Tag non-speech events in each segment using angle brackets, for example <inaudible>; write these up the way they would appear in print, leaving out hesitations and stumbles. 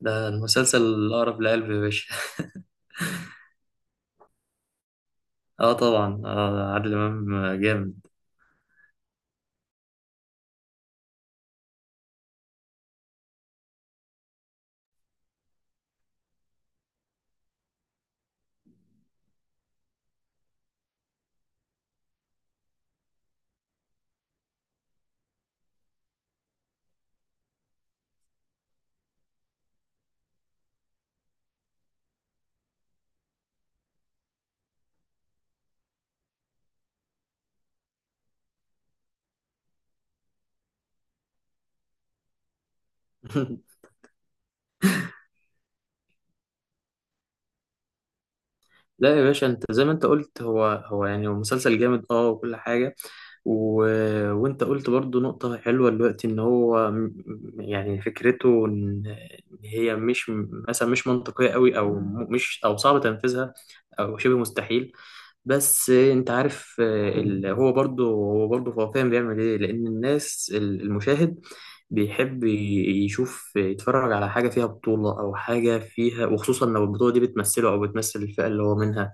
ده المسلسل الأقرب لقلبي يا باشا. <laughs> اه طبعا، اه عادل امام جامد. <laughs> لا يا باشا، انت زي ما انت قلت، هو يعني هو مسلسل جامد اه، وكل حاجه. و... وانت قلت برضو نقطه حلوه دلوقتي ان هو يعني فكرته إن هي مش، مثلا مش منطقيه قوي، او مش، او صعب تنفيذها، او شبه مستحيل. بس انت عارف، هو برضو هو فاهم بيعمل ايه، لان الناس المشاهد بيحب يشوف، يتفرج على حاجة فيها بطولة أو حاجة فيها، وخصوصا لو البطولة دي بتمثله أو بتمثل الفئة اللي هو منها.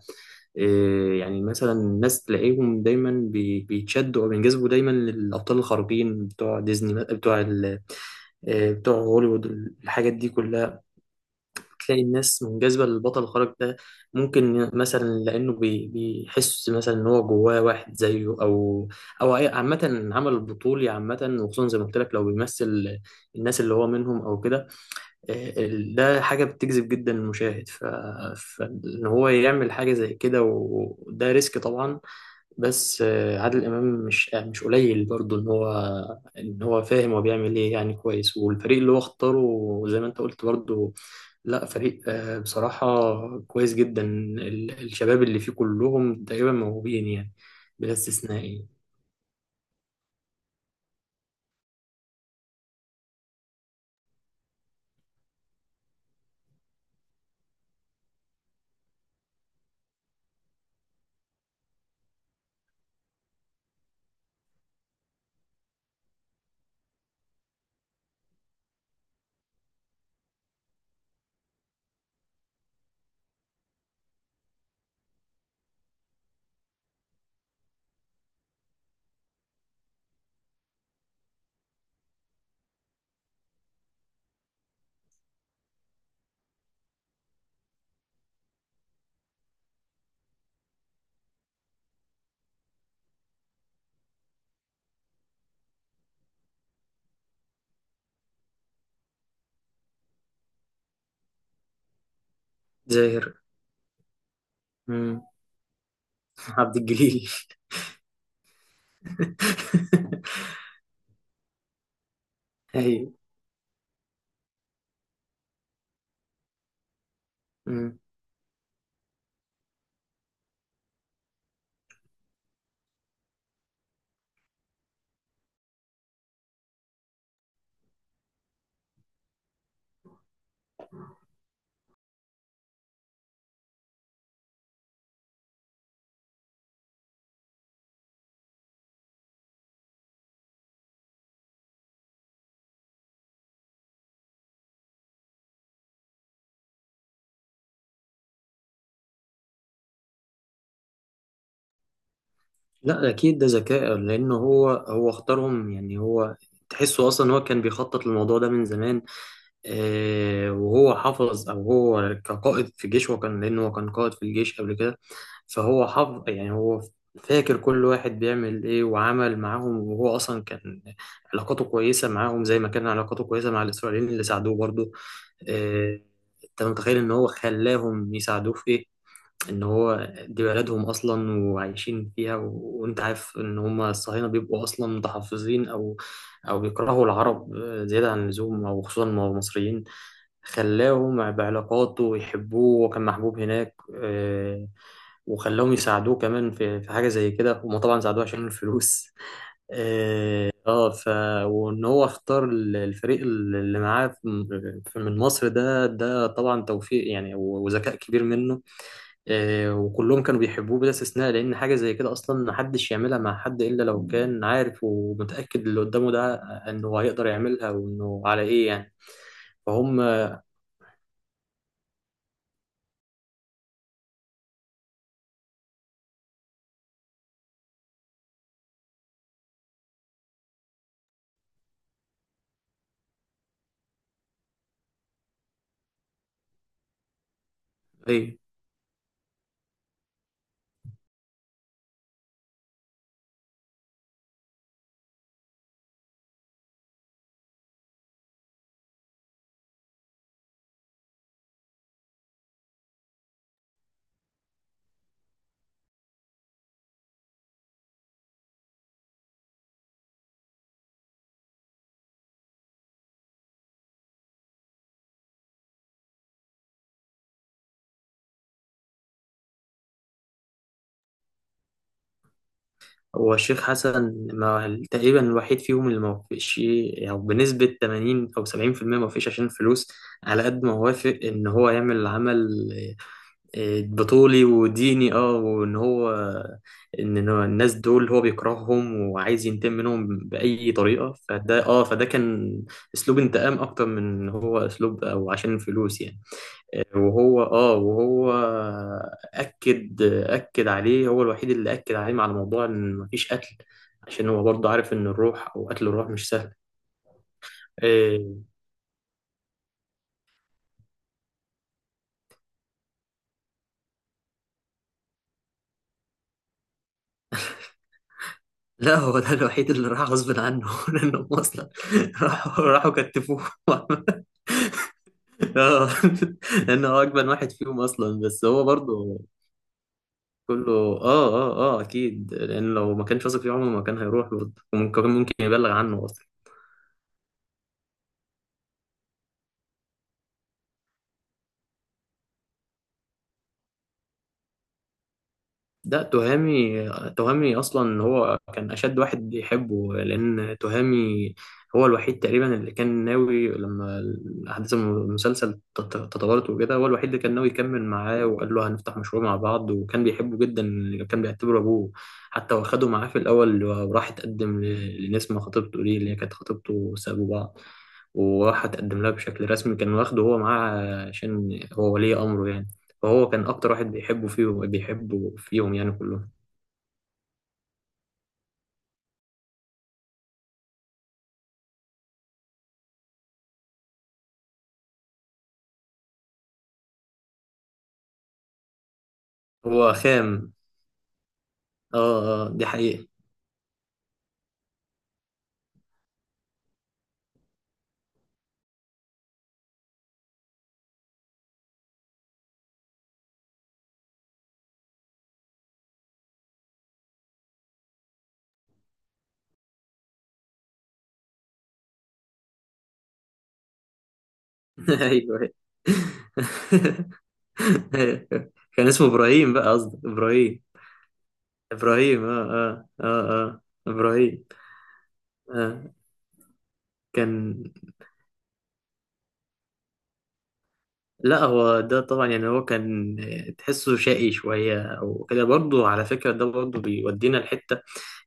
إيه، يعني مثلا الناس تلاقيهم دايما بيتشدوا أو بينجذبوا دايما للأبطال الخارقين بتوع ديزني، بتوع ال- إيه، بتوع هوليوود، الحاجات دي كلها. تلاقي الناس منجذبة للبطل الخارق ده. ممكن مثلا لأنه بيحس مثلا إن هو جواه واحد زيه، عامة، العمل البطولي عامة، وخصوصا زي ما قلت لك، لو بيمثل الناس اللي هو منهم أو كده. ده حاجة بتجذب جدا المشاهد. فإن هو يعمل حاجة زي كده، وده ريسك طبعا. بس عادل امام، مش قليل برضه ان هو فاهم هو بيعمل ايه يعني كويس، والفريق اللي هو اختاره، زي ما انت قلت برضه، لا فريق، بصراحة كويس جدا. الشباب اللي فيه كلهم تقريبا موهوبين يعني، بلا استثناء يعني. زاهر. مم. عبد الجليل. <laughs> ايوه. مم. لا اكيد ده ذكاء، لانه هو اختارهم يعني. هو تحسه اصلا هو كان بيخطط للموضوع ده من زمان، وهو حافظ، او هو كقائد في جيش، وكان لانه هو كان قائد في الجيش قبل كده، فهو حافظ يعني. هو فاكر كل واحد بيعمل ايه، وعمل معاهم، وهو اصلا كان علاقاته كويسه معاهم، زي ما كان علاقاته كويسه مع الاسرائيليين اللي ساعدوه برضه. آه، انت متخيل ان هو خلاهم يساعدوه في ايه؟ ان هو دي بلدهم اصلا، وعايشين فيها، وانت عارف ان هم الصهاينه بيبقوا اصلا متحفظين، او بيكرهوا العرب زياده عن اللزوم، او خصوصا المصريين. خلاهم بعلاقاته يحبوه، وكان محبوب هناك، وخلاهم يساعدوه كمان في حاجه زي كده. هم طبعا ساعدوه عشان الفلوس. <laughs> اه، آه، ف وان هو اختار الفريق اللي معاه، من مصر، ده طبعا توفيق يعني، وذكاء كبير منه، وكلهم كانوا بيحبوه بلا استثناء، لأن حاجة زي كده أصلا محدش يعملها مع حد إلا لو كان عارف ومتأكد اللي قدامه ده إنه هيقدر يعملها، وإنه على إيه يعني، فهم. إيه، هو الشيخ حسن، ما تقريبا الوحيد فيهم اللي ما وافقش، يعني بنسبة 80 أو 70%، ما وافقش عشان الفلوس، على قد ما وافق إن هو يعمل العمل بطولي وديني. اه، وان هو ان إن هو الناس دول هو بيكرههم وعايز ينتقم منهم باي طريقه، فده كان اسلوب انتقام اكتر من إن هو اسلوب، او عشان الفلوس يعني، وهو اكد عليه، هو الوحيد اللي اكد عليه على موضوع ان مفيش قتل، عشان هو برضه عارف ان الروح، او قتل الروح، مش سهل. إيه، لا هو ده الوحيد اللي راح غصب عنه. <laughs> لانه اصلا راحوا كتفوه. <laughs> اه. <laughs> لانه هو اجمل واحد فيهم اصلا، بس هو برضه كله، اه اه اه اكيد، لان لو ما كانش واثق فيه عمره ما كان هيروح برضه، وممكن ممكن يبلغ عنه. ده تهامي. تهامي اصلا هو كان اشد واحد يحبه، لان تهامي هو الوحيد تقريبا اللي كان ناوي لما احداث المسلسل تطورت وكده، هو الوحيد اللي كان ناوي يكمل معاه، وقال له هنفتح مشروع مع بعض، وكان بيحبه جدا. كان بيعتبره ابوه، حتى واخده معاه في الاول، وراح اتقدم لنسمة خطيبته دي، اللي هي كانت خطيبته، سابوا بعض، وراح اتقدم لها بشكل رسمي. كان واخده هو معاه عشان هو ولي امره يعني. فهو كان اكتر واحد بيحبه فيهم، يعني كلهم. هو خام، اه، اه دي حقيقة. <laughs> ايوه. أيوة. <laughs> كان اسمه ابراهيم بقى، قصدي ابراهيم اه اه اه اه، ابراهيم آه. كان لا، هو ده طبعا يعني هو كان. تحسه شقي شوية او كده برضه، على فكرة ده برضه بيودينا لحتة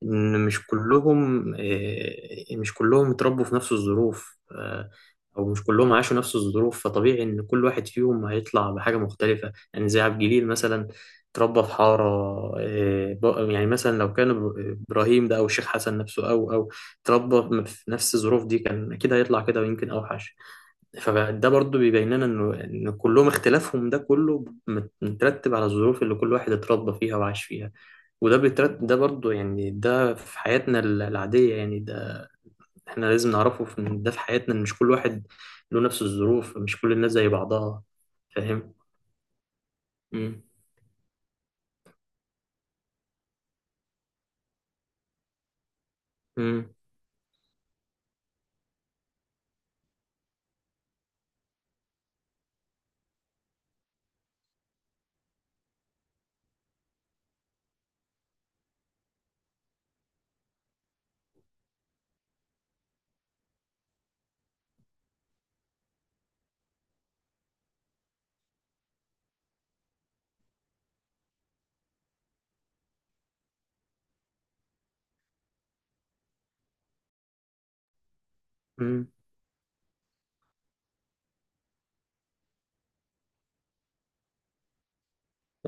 ان مش كلهم، مش كلهم اتربوا في نفس الظروف، او مش كلهم عاشوا نفس الظروف. فطبيعي ان كل واحد فيهم هيطلع بحاجه مختلفه يعني. زي عبد الجليل مثلا، اتربى في حاره، يعني مثلا لو كان ابراهيم ده، او الشيخ حسن نفسه، او اتربى في نفس الظروف دي، كان اكيد هيطلع كده، ويمكن اوحش. فده برضو بيبين لنا ان كلهم اختلافهم ده كله مترتب على الظروف اللي كل واحد اتربى فيها وعاش فيها، وده بيترتب، ده برضو يعني، ده في حياتنا العادية يعني. ده احنا لازم نعرفه، في ان ده في حياتنا إن مش كل واحد له نفس الظروف، مش كل الناس زي بعضها، فاهم؟ امم. امم.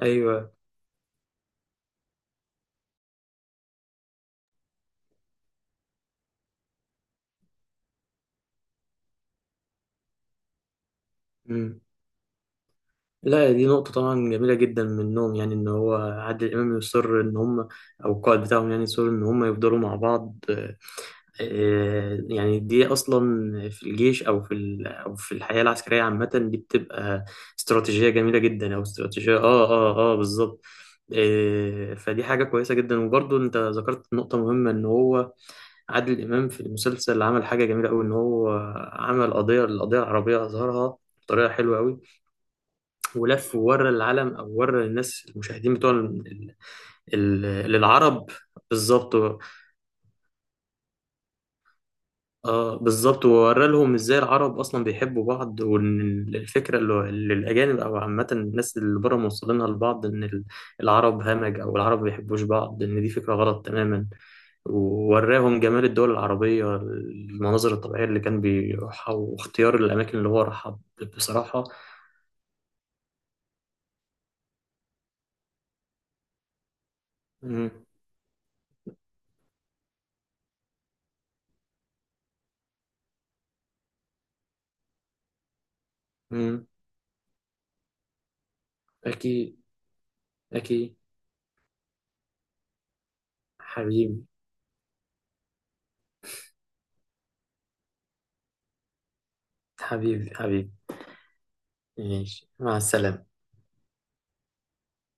ايوه. مم. لا، دي نقطة طبعا جميلة جدا منهم، يعني إن هو عادل إمام يصر إن هم، أو القائد بتاعهم يعني، يصر إن هم يفضلوا مع بعض، يعني دي أصلا في الجيش، أو في أو في الحياة العسكرية عامة، دي بتبقى استراتيجية جميلة جدا، أو استراتيجية. آه، آه، آه، بالظبط. فدي حاجة كويسة جدا، وبرضه أنت ذكرت نقطة مهمة إن هو عادل إمام في المسلسل عمل حاجة جميلة أوي، إن هو عمل قضية، القضية العربية، أظهرها بطريقة حلوة أوي، ولف وورى العالم، او ورى الناس، المشاهدين بتوع العرب. بالظبط. اه، بالظبط، وورى لهم ازاي العرب اصلا بيحبوا بعض، وان الفكره اللي الاجانب او عامه الناس اللي بره موصلينها لبعض، ان العرب همج، او العرب ما بيحبوش بعض، ان دي فكره غلط تماما. ووراهم جمال الدول العربية، المناظر الطبيعية اللي كان بيروحها، واختيار الأماكن اللي هو راحها. بصراحة. مم. مم. أكيد. أكيد حبيبي. حبيبي حبيبي. ماشي، مع السلامة.